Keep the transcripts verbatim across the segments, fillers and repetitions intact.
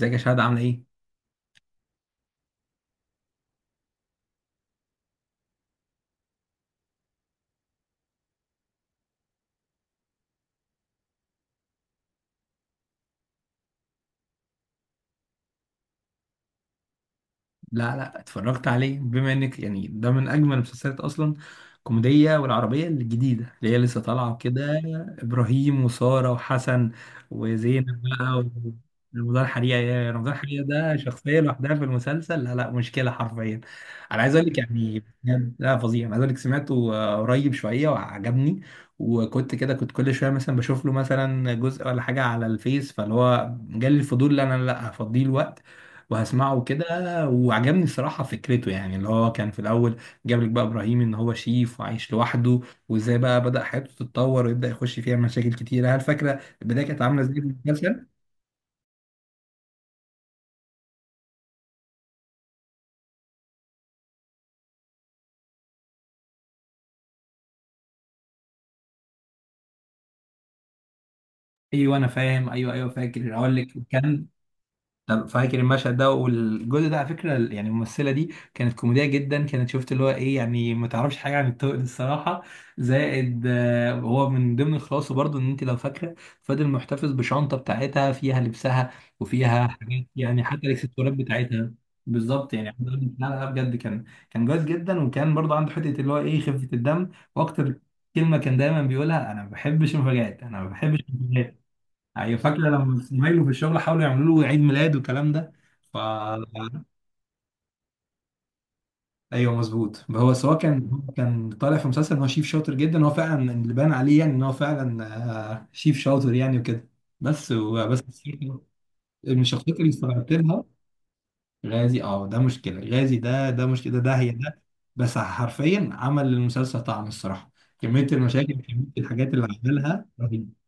ازيك يا شهد، عامله ايه؟ لا لا، اتفرجت عليه بما انك يعني ده من اجمل المسلسلات اصلا. الكوميديه والعربيه الجديده اللي هي لسه طالعه كده. ابراهيم وساره وحسن وزينب بقى و- رمضان حريقه. يا رمضان حريقه ده شخصيه لوحدها في المسلسل. لا لا، مشكله حرفيا. انا عايز اقول لك يعني بجد، لا فظيع. انا عايز اقول لك سمعته آه، قريب شويه وعجبني. وكنت كده كنت كل شويه مثلا بشوف له مثلا جزء ولا حاجه على الفيس، فاللي هو جالي الفضول، لا انا، لا هفضيه الوقت وهسمعه كده. وعجبني الصراحة فكرته، يعني اللي هو كان في الأول جاب لك بقى إبراهيم إن هو شيف وعايش لوحده، وإزاي بقى بدأ حياته تتطور ويبدأ يخش فيها مشاكل كتيرة. هل فاكرة البداية كانت عاملة إزاي في المسلسل؟ أيوه أنا فاهم، أيوه أيوه فاكر، أقول لك كان. أنا فاكر المشهد ده، والجزء ده على فكره يعني الممثله دي كانت كوميديه جدا. كانت شفت اللي هو ايه يعني، ما تعرفش حاجه عن الطوق الصراحه. زائد آه، هو من ضمن الخلاصه برضو ان انت لو فاكره، فضل محتفظ بشنطه بتاعتها فيها لبسها، وفيها حاجات يعني حتى الاكسسوارات بتاعتها. بالظبط، يعني عايز أقول لك، لا لا بجد، كان كان جاهز جدا. وكان برضو عنده حته اللي هو ايه، خفه الدم. واكتر كلمه كان دايما بيقولها: انا ما بحبش المفاجآت، انا ما بحبش المفاجآت. ايوه، فاكره لما زمايله في الشغل حاولوا يعملوا له عيد ميلاد والكلام ده. ف ايوه مظبوط. هو سواء كان هو كان طالع في مسلسل ان هو شيف شاطر جدا. هو فعلا اللي بان عليه يعني ان هو فعلا آه، شيف شاطر يعني وكده. بس بس من الشخصيات اللي استغربت لها غازي. اه ده مشكله. غازي ده ده مشكله. ده ده هي ده، بس حرفيا عمل للمسلسل طعم الصراحه. كميه المشاكل كميه الحاجات اللي عملها رهيبة.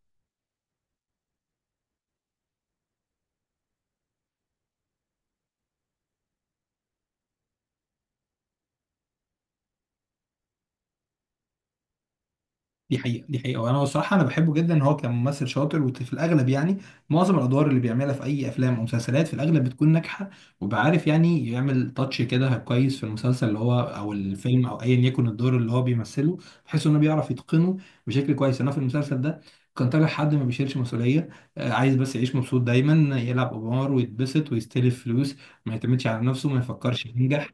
دي حقيقة دي حقيقة، وانا بصراحة انا بحبه جدا. ان هو كان ممثل شاطر، وفي الاغلب يعني معظم الادوار اللي بيعملها في اي افلام او مسلسلات في الاغلب بتكون ناجحة. وبعرف يعني يعمل تاتش كده كويس في المسلسل اللي هو او الفيلم او ايا يكن الدور اللي هو بيمثله، بحيث انه بيعرف يتقنه بشكل كويس. انا في المسلسل ده كان طالع حد ما بيشيلش مسؤولية. آه، عايز بس يعيش مبسوط دايما، يلعب قمار ويتبسط ويستلف فلوس، ما يعتمدش على نفسه، ما يفكرش ينجح.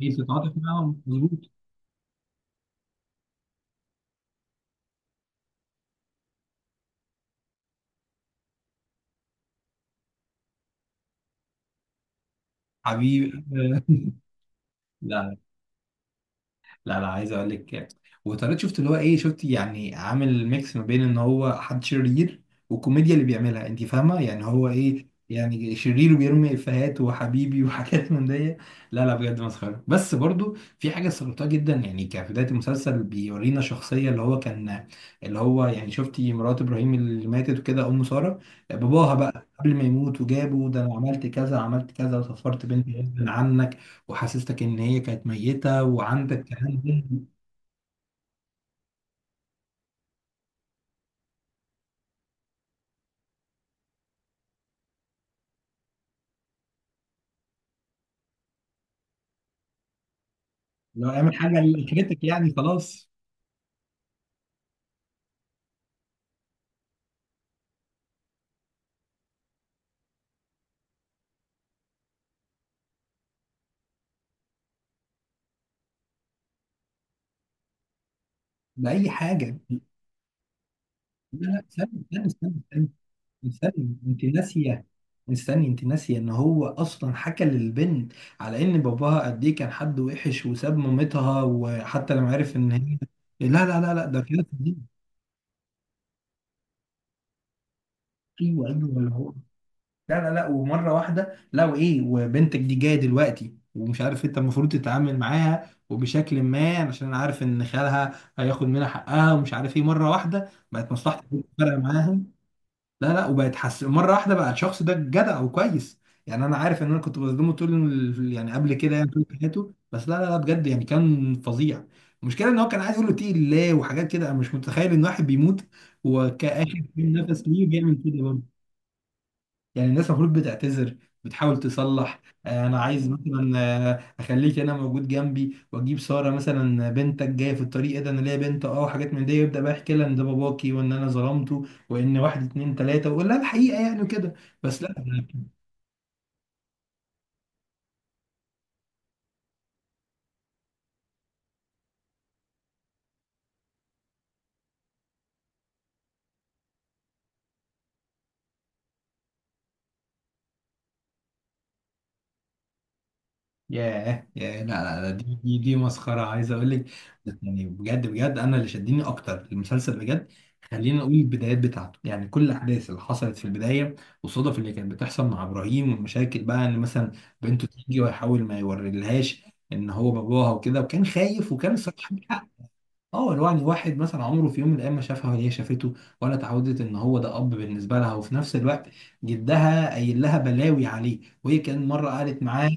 يتعاطف معاهم، مظبوط. حبيبي. لا لا لا، عايز اقول لك. وطارق شفت اللي هو ايه، شفت يعني عامل ميكس ما بين ان هو حد شرير والكوميديا اللي بيعملها. انت فاهمه يعني هو ايه يعني؟ شرير وبيرمي افيهات وحبيبي وحاجات من دي. لا لا بجد مسخره. بس برضو في حاجه استغربتها جدا، يعني كبدايه المسلسل بيورينا شخصيه اللي هو كان، اللي هو يعني شفتي مرات ابراهيم اللي ماتت وكده، ام ساره. باباها بقى قبل ما يموت وجابه ده، انا عملت كذا عملت كذا وسفرت بنتي غصب عنك، وحسستك ان هي كانت ميته، وعندك كمان ذهن لو اعمل حاجه لاخرتك يعني خلاص، باي حاجه. لا، لا استنى استنى استنى استنى، استنى انت ناسيه. استني انت ناسيه ان هو اصلا حكى للبنت على ان باباها قد ايه كان حد وحش وساب مامتها، وحتى لما عرف ان هي، لا لا لا لا، ده كده. ايوه ايوه، لا لا لا. ومره واحده لو ايه وبنتك دي جايه دلوقتي، ومش عارف انت المفروض تتعامل معاها، وبشكل ما عشان انا عارف ان خالها هياخد منها حقها ومش عارف ايه. مره واحده بقت مصلحتك فارقه معاها؟ لا لا، وبقت حس مره واحده بقى الشخص ده جدع وكويس. يعني انا عارف ان انا كنت بظلمه طول ال- يعني قبل كده يعني طول حياته، بس لا لا لا بجد يعني كان فظيع. المشكله ان هو كان عايز يقول له اتقي الله وحاجات كده. انا مش متخيل ان واحد بيموت وكآخر نفس ليه بيعمل كده. يعني الناس المفروض بتعتذر، بتحاول تصلح. آه، انا عايز مثلا، آه، اخليك انا موجود جنبي، واجيب ساره مثلا. بنتك جايه في الطريق، إيه ده انا ليا بنت، اه وحاجات من دي. يبدا بقى يحكي لها ان ده باباكي وان انا ظلمته، وان واحد اتنين تلاته، ويقول لها الحقيقه يعني وكده. بس لا. ياه ياه، لا لا لا، دي دي دي مسخرة. عايز أقول لك يعني بجد بجد، أنا اللي شدني أكتر المسلسل بجد. خلينا نقول البدايات بتاعته، يعني كل الأحداث اللي حصلت في البداية والصدف اللي كانت بتحصل مع إبراهيم، والمشاكل بقى إن مثلا بنته تيجي ويحاول ما يوريلهاش إن هو باباها وكده، وكان خايف، وكان الصراحة عندك حق. اه، لو يعني واحد مثلا عمره في يوم من الأيام ما شافها ولا هي شافته، ولا اتعودت إن هو ده أب بالنسبة لها، وفي نفس الوقت جدها قايل لها بلاوي عليه، وهي كان مرة قالت معاه.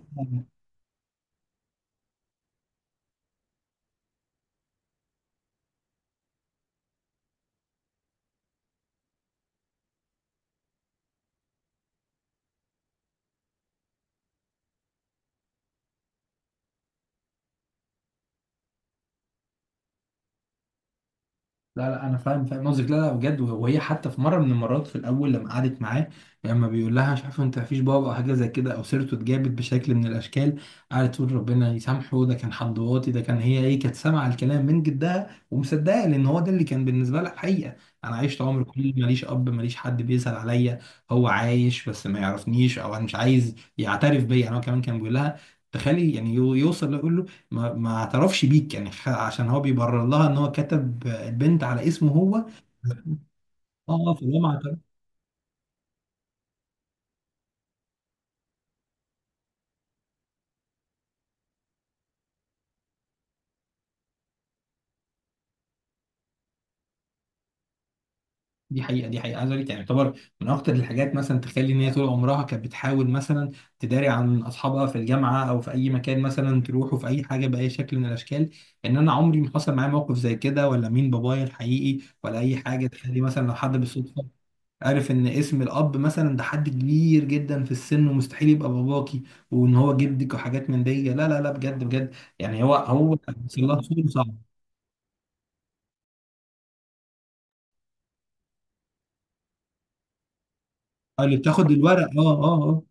لا لا، انا فاهم فاهم قصدك. لا لا بجد. وهي حتى في مره من المرات في الاول لما قعدت معاه، لما بيقول لها مش عارف انت مفيش بابا او حاجه زي كده او سيرته اتجابت بشكل من الاشكال، قعدت تقول ربنا يسامحه، ده كان حد واطي. ده كان، هي ايه، كانت سامعه الكلام من جدها ومصدقه، لان هو ده اللي كان بالنسبه لها الحقيقه. انا عشت عمر كله ماليش اب، ماليش حد بيسال عليا. هو عايش بس ما يعرفنيش، او انا مش عايز يعترف بيا. يعني هو كمان كان بيقول لها، تخيلي يعني، يو- يوصل يقول له ما ما اعترفش بيك يعني، خ- عشان هو بيبرر لها ان هو كتب البنت على اسمه هو. اه آه، فهو ما اعترف. دي حقيقه دي حقيقه، عايز اقول لك، يعني يعتبر من اكتر الحاجات مثلا تخلي ان هي طول عمرها كانت بتحاول مثلا تداري عن اصحابها في الجامعه او في اي مكان، مثلا تروحوا في اي حاجه باي شكل من الاشكال. ان انا عمري ما حصل معايا موقف زي كده، ولا مين بابايا الحقيقي ولا اي حاجه. تخلي مثلا لو حد بالصدفه عارف ان اسم الاب مثلا ده حد كبير جدا في السن ومستحيل يبقى باباكي، وان هو جدك وحاجات من دي. لا لا لا بجد بجد، يعني هو هو بيوصل لها صوره صعبه. اللي بتاخد الورق، اه اه اه.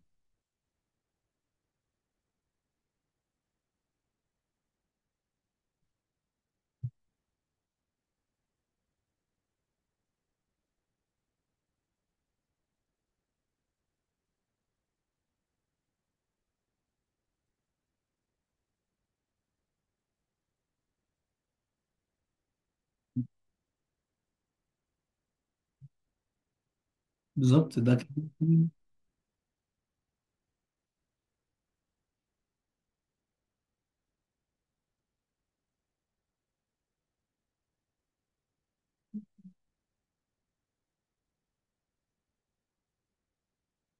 بالظبط، ده كده.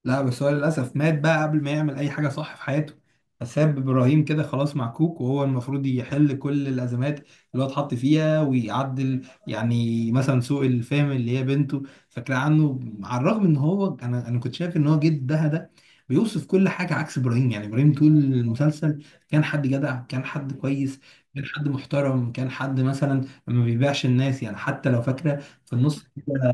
لا بس هو للأسف مات بقى قبل ما يعمل أي حاجة صح في حياته. فساب إبراهيم كده خلاص معكوك، وهو المفروض يحل كل الأزمات اللي هو اتحط فيها ويعدل يعني مثلا سوء الفهم اللي هي بنته فاكرة عنه، على الرغم إن هو، أنا أنا كنت شايف إن هو جدها ده بيوصف كل حاجة عكس إبراهيم. يعني إبراهيم طول المسلسل كان حد جدع، كان حد كويس، كان حد محترم، كان حد مثلا ما بيبيعش الناس، يعني حتى لو فاكرة في النص كده،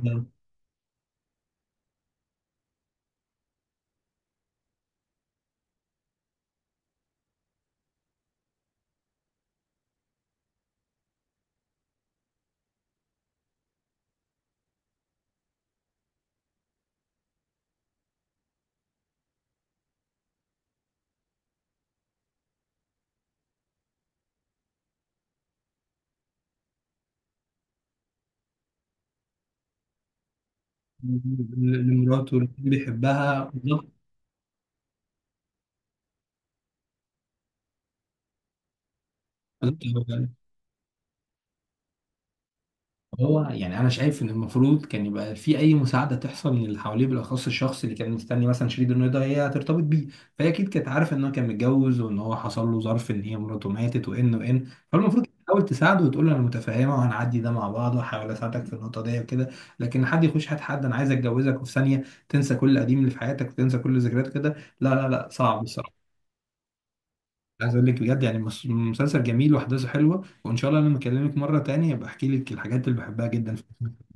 لمراته اللي بيحبها. انت، هو يعني انا شايف ان المفروض كان يبقى في اي مساعده تحصل من اللي حواليه، بالاخص الشخص اللي كان مستني مثلا شريك انه ده هي هترتبط بيه. فهي اكيد كانت عارفه ان هو كان متجوز، وان هو حصل له ظرف ان هي مراته ماتت، وان وان. فالمفروض كانت تحاول تساعده وتقول له انا متفهمه، وهنعدي ده مع بعض، وهحاول اساعدك في النقطه دي وكده. لكن حد يخش، حد حد انا عايز اتجوزك، وفي ثانيه تنسى كل قديم اللي في حياتك وتنسى كل ذكريات كده، لا لا لا صعب. عايز اقول لك بجد، يعني مس- مسلسل جميل واحداثه حلوه، وان شاء الله لما اكلمك مره تانية ابقى احكي لك الحاجات اللي بحبها جدا في المسلسل.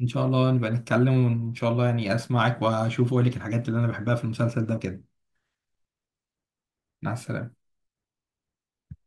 ان شاء الله نبقى نتكلم، وان شاء الله يعني اسمعك واشوف واقول لك الحاجات اللي انا بحبها في المسلسل ده كده. مع السلامه